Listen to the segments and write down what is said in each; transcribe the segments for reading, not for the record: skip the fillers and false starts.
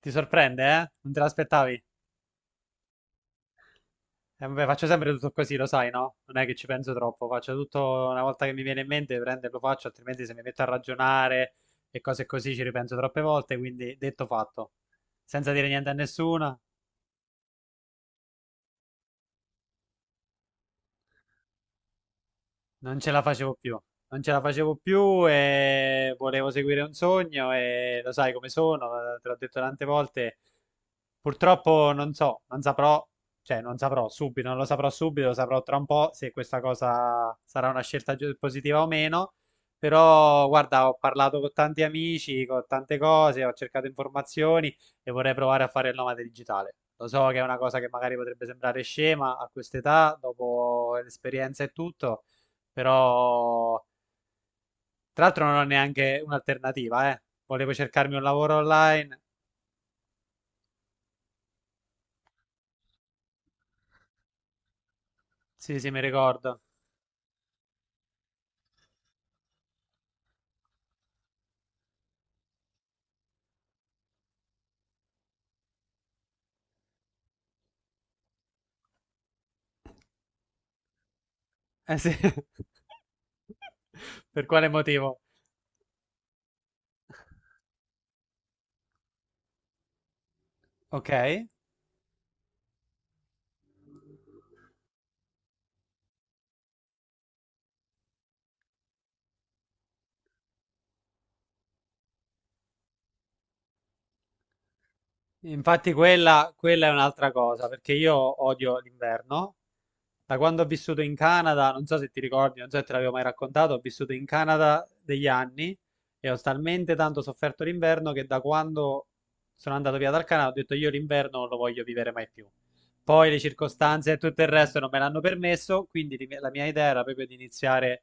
Ti sorprende, eh? Non te l'aspettavi? Vabbè, faccio sempre tutto così, lo sai, no? Non è che ci penso troppo, faccio tutto una volta che mi viene in mente, prendo e lo faccio, altrimenti se mi metto a ragionare e cose così ci ripenso troppe volte, quindi detto fatto. Senza dire niente a nessuno. Non ce la facevo più, non ce la facevo più e volevo seguire un sogno e lo sai come sono, te l'ho detto tante volte. Purtroppo non so, non saprò, cioè non saprò subito, non lo saprò subito, lo saprò tra un po' se questa cosa sarà una scelta giu- positiva o meno. Però guarda, ho parlato con tanti amici, con tante cose, ho cercato informazioni e vorrei provare a fare il nomade digitale. Lo so che è una cosa che magari potrebbe sembrare scema a quest'età, dopo l'esperienza e tutto, però, tra l'altro, non ho neanche un'alternativa, eh. Volevo cercarmi un lavoro online. Sì, sì, mi ricordo. Eh sì. Per quale motivo? Ok. Infatti quella, quella è un'altra cosa, perché io odio l'inverno. Da quando ho vissuto in Canada, non so se ti ricordi, non so se te l'avevo mai raccontato, ho vissuto in Canada degli anni e ho talmente tanto sofferto l'inverno che da quando sono andato via dal Canada ho detto io l'inverno non lo voglio vivere mai più. Poi le circostanze e tutto il resto non me l'hanno permesso, quindi li- la mia idea era proprio di iniziare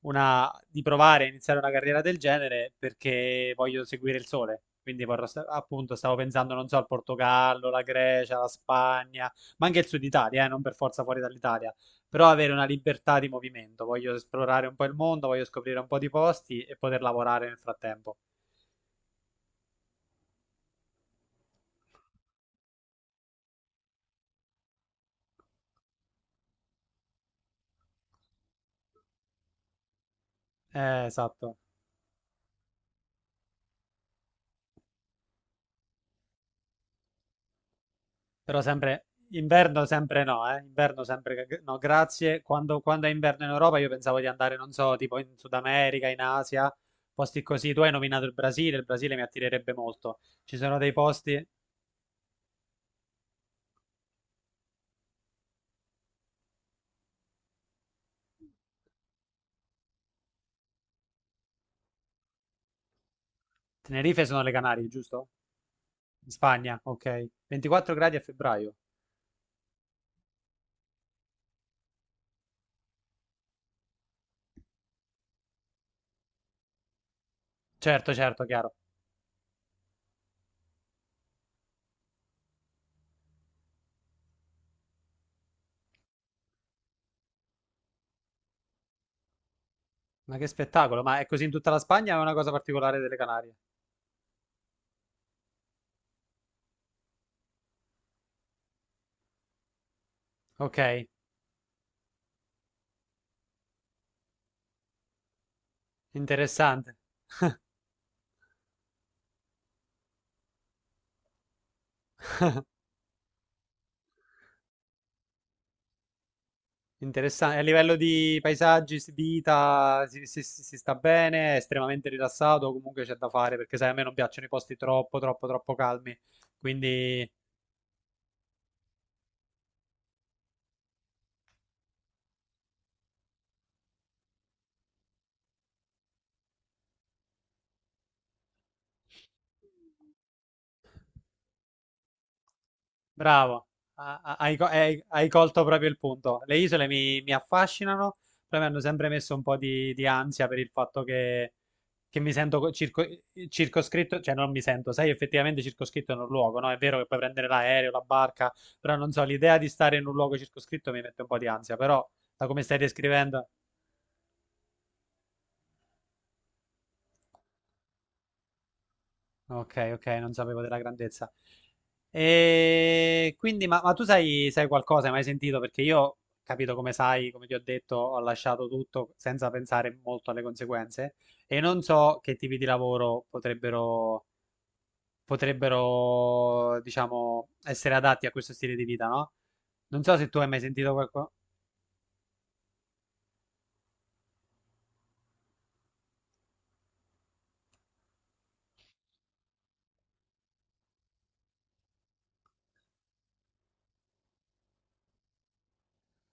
una, di provare a iniziare una carriera del genere perché voglio seguire il sole. Quindi vorrò sta- appunto stavo pensando, non so, al Portogallo, la Grecia, la Spagna, ma anche il Sud Italia, non per forza fuori dall'Italia, però avere una libertà di movimento. Voglio esplorare un po' il mondo, voglio scoprire un po' di posti e poter lavorare nel frattempo. Esatto. Però sempre inverno, sempre no, eh? Inverno sempre che- no, grazie. Quando, quando è inverno in Europa io pensavo di andare, non so, tipo in Sud America, in Asia, posti così. Tu hai nominato il Brasile mi attirerebbe molto. Ci sono dei posti. Tenerife sono le Canarie, giusto? In Spagna, ok. 24 gradi a febbraio. Certo, certo, chiaro. Ma che spettacolo, ma è così in tutta la Spagna o è una cosa particolare delle Canarie? Ok, interessante. Interessante. A livello di paesaggi, si- vita, si- si- si sta bene, è estremamente rilassato, comunque c'è da fare, perché sai, a me non piacciono i posti troppo, troppo, troppo calmi. Quindi bravo. Ah, ah, hai, co- hai- hai colto proprio il punto. Le isole mi, mi affascinano, però mi hanno sempre messo un po' di ansia per il fatto che mi sento co- circo- circoscritto, cioè non mi sento, sei effettivamente circoscritto in un luogo, no? È vero che puoi prendere l'aereo, la barca, però non so, l'idea di stare in un luogo circoscritto mi mette un po' di ansia, però da come stai descrivendo. Ok, ok, non sapevo della grandezza. E quindi, ma tu sai, sai qualcosa, hai mai sentito? Perché io, capito come sai, come ti ho detto, ho lasciato tutto senza pensare molto alle conseguenze e non so che tipi di lavoro potrebbero, potrebbero, diciamo, essere adatti a questo stile di vita, no? Non so se tu hai mai sentito qualcosa.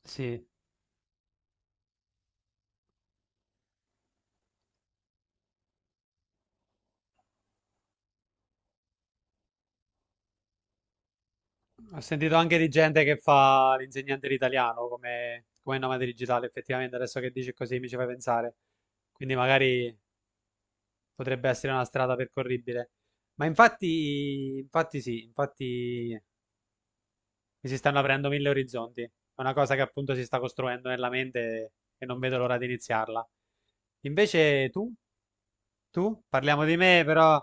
Sì. Ho sentito anche di gente che fa l'insegnante di italiano come, come nomade digitale, effettivamente adesso che dici così mi ci fai pensare. Quindi magari potrebbe essere una strada percorribile. Ma infatti, infatti sì, infatti mi si stanno aprendo mille orizzonti. È una cosa che appunto si sta costruendo nella mente e non vedo l'ora di iniziarla. Invece tu, tu, parliamo di me però.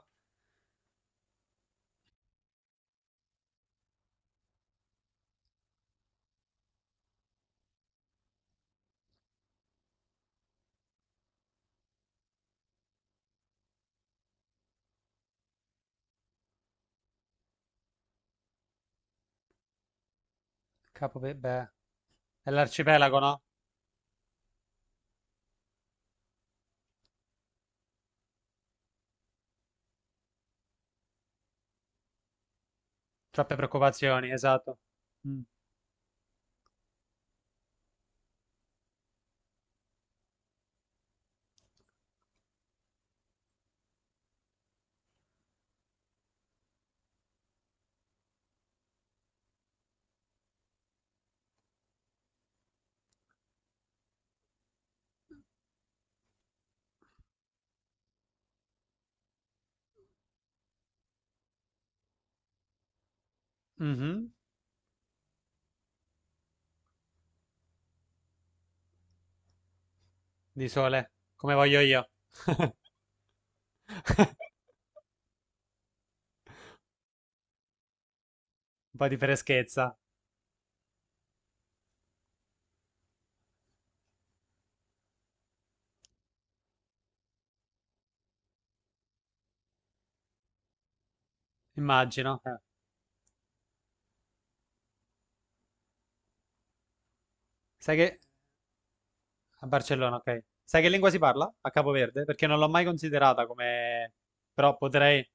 Capo, beh, è l'arcipelago, no? Troppe preoccupazioni, esatto. Mm. Mhm. Di sole, come voglio io. Un po' di freschezza, immagino. Sai che a Barcellona, ok. Sai che lingua si parla a Capo Verde? Perché non l'ho mai considerata come... Però potrei...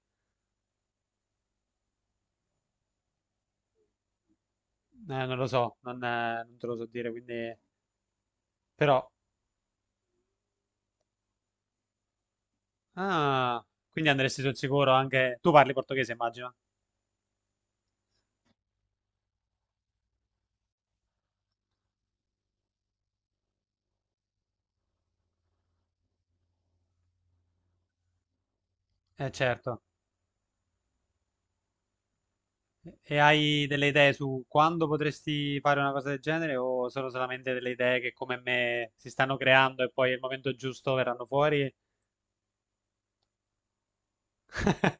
non lo so, non, non te lo so dire, quindi... Però... Ah, quindi andresti sul sicuro anche... Tu parli portoghese, immagino. Certo. E hai delle idee su quando potresti fare una cosa del genere o sono solamente delle idee che come me si stanno creando e poi al momento giusto verranno fuori?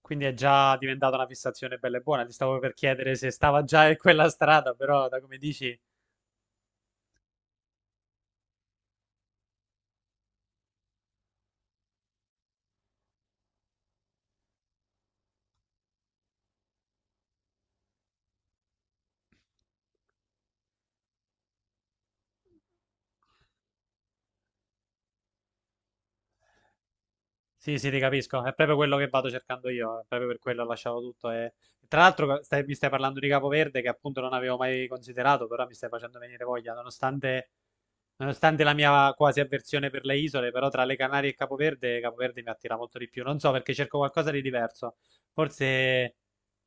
Quindi è già diventata una fissazione bella e buona. Ti stavo per chiedere se stava già in quella strada, però da come dici, sì, sì, ti capisco. È proprio quello che vado cercando io, è proprio per quello ho lasciato tutto. E... Tra l'altro stai- mi stai parlando di Capoverde che appunto non avevo mai considerato, però mi stai facendo venire voglia, nonostante, nonostante la mia quasi avversione per le isole, però tra le Canarie e Capoverde, Capoverde mi attira molto di più. Non so perché cerco qualcosa di diverso. Forse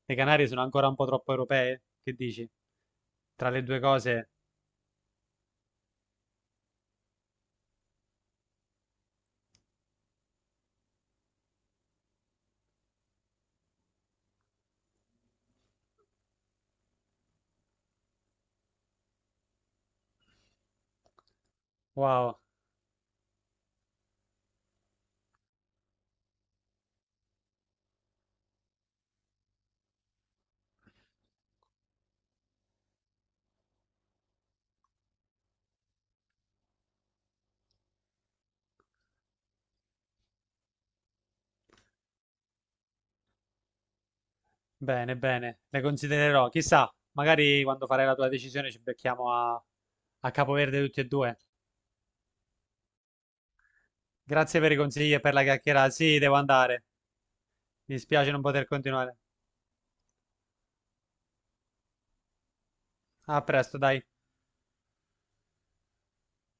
le Canarie sono ancora un po' troppo europee, che dici? Tra le due cose... Wow, bene, bene, le considererò. Chissà, magari quando farai la tua decisione ci becchiamo a, a Capoverde tutti e due. Grazie per i consigli e per la chiacchierata. Sì, devo andare. Mi dispiace non poter continuare. A presto, dai.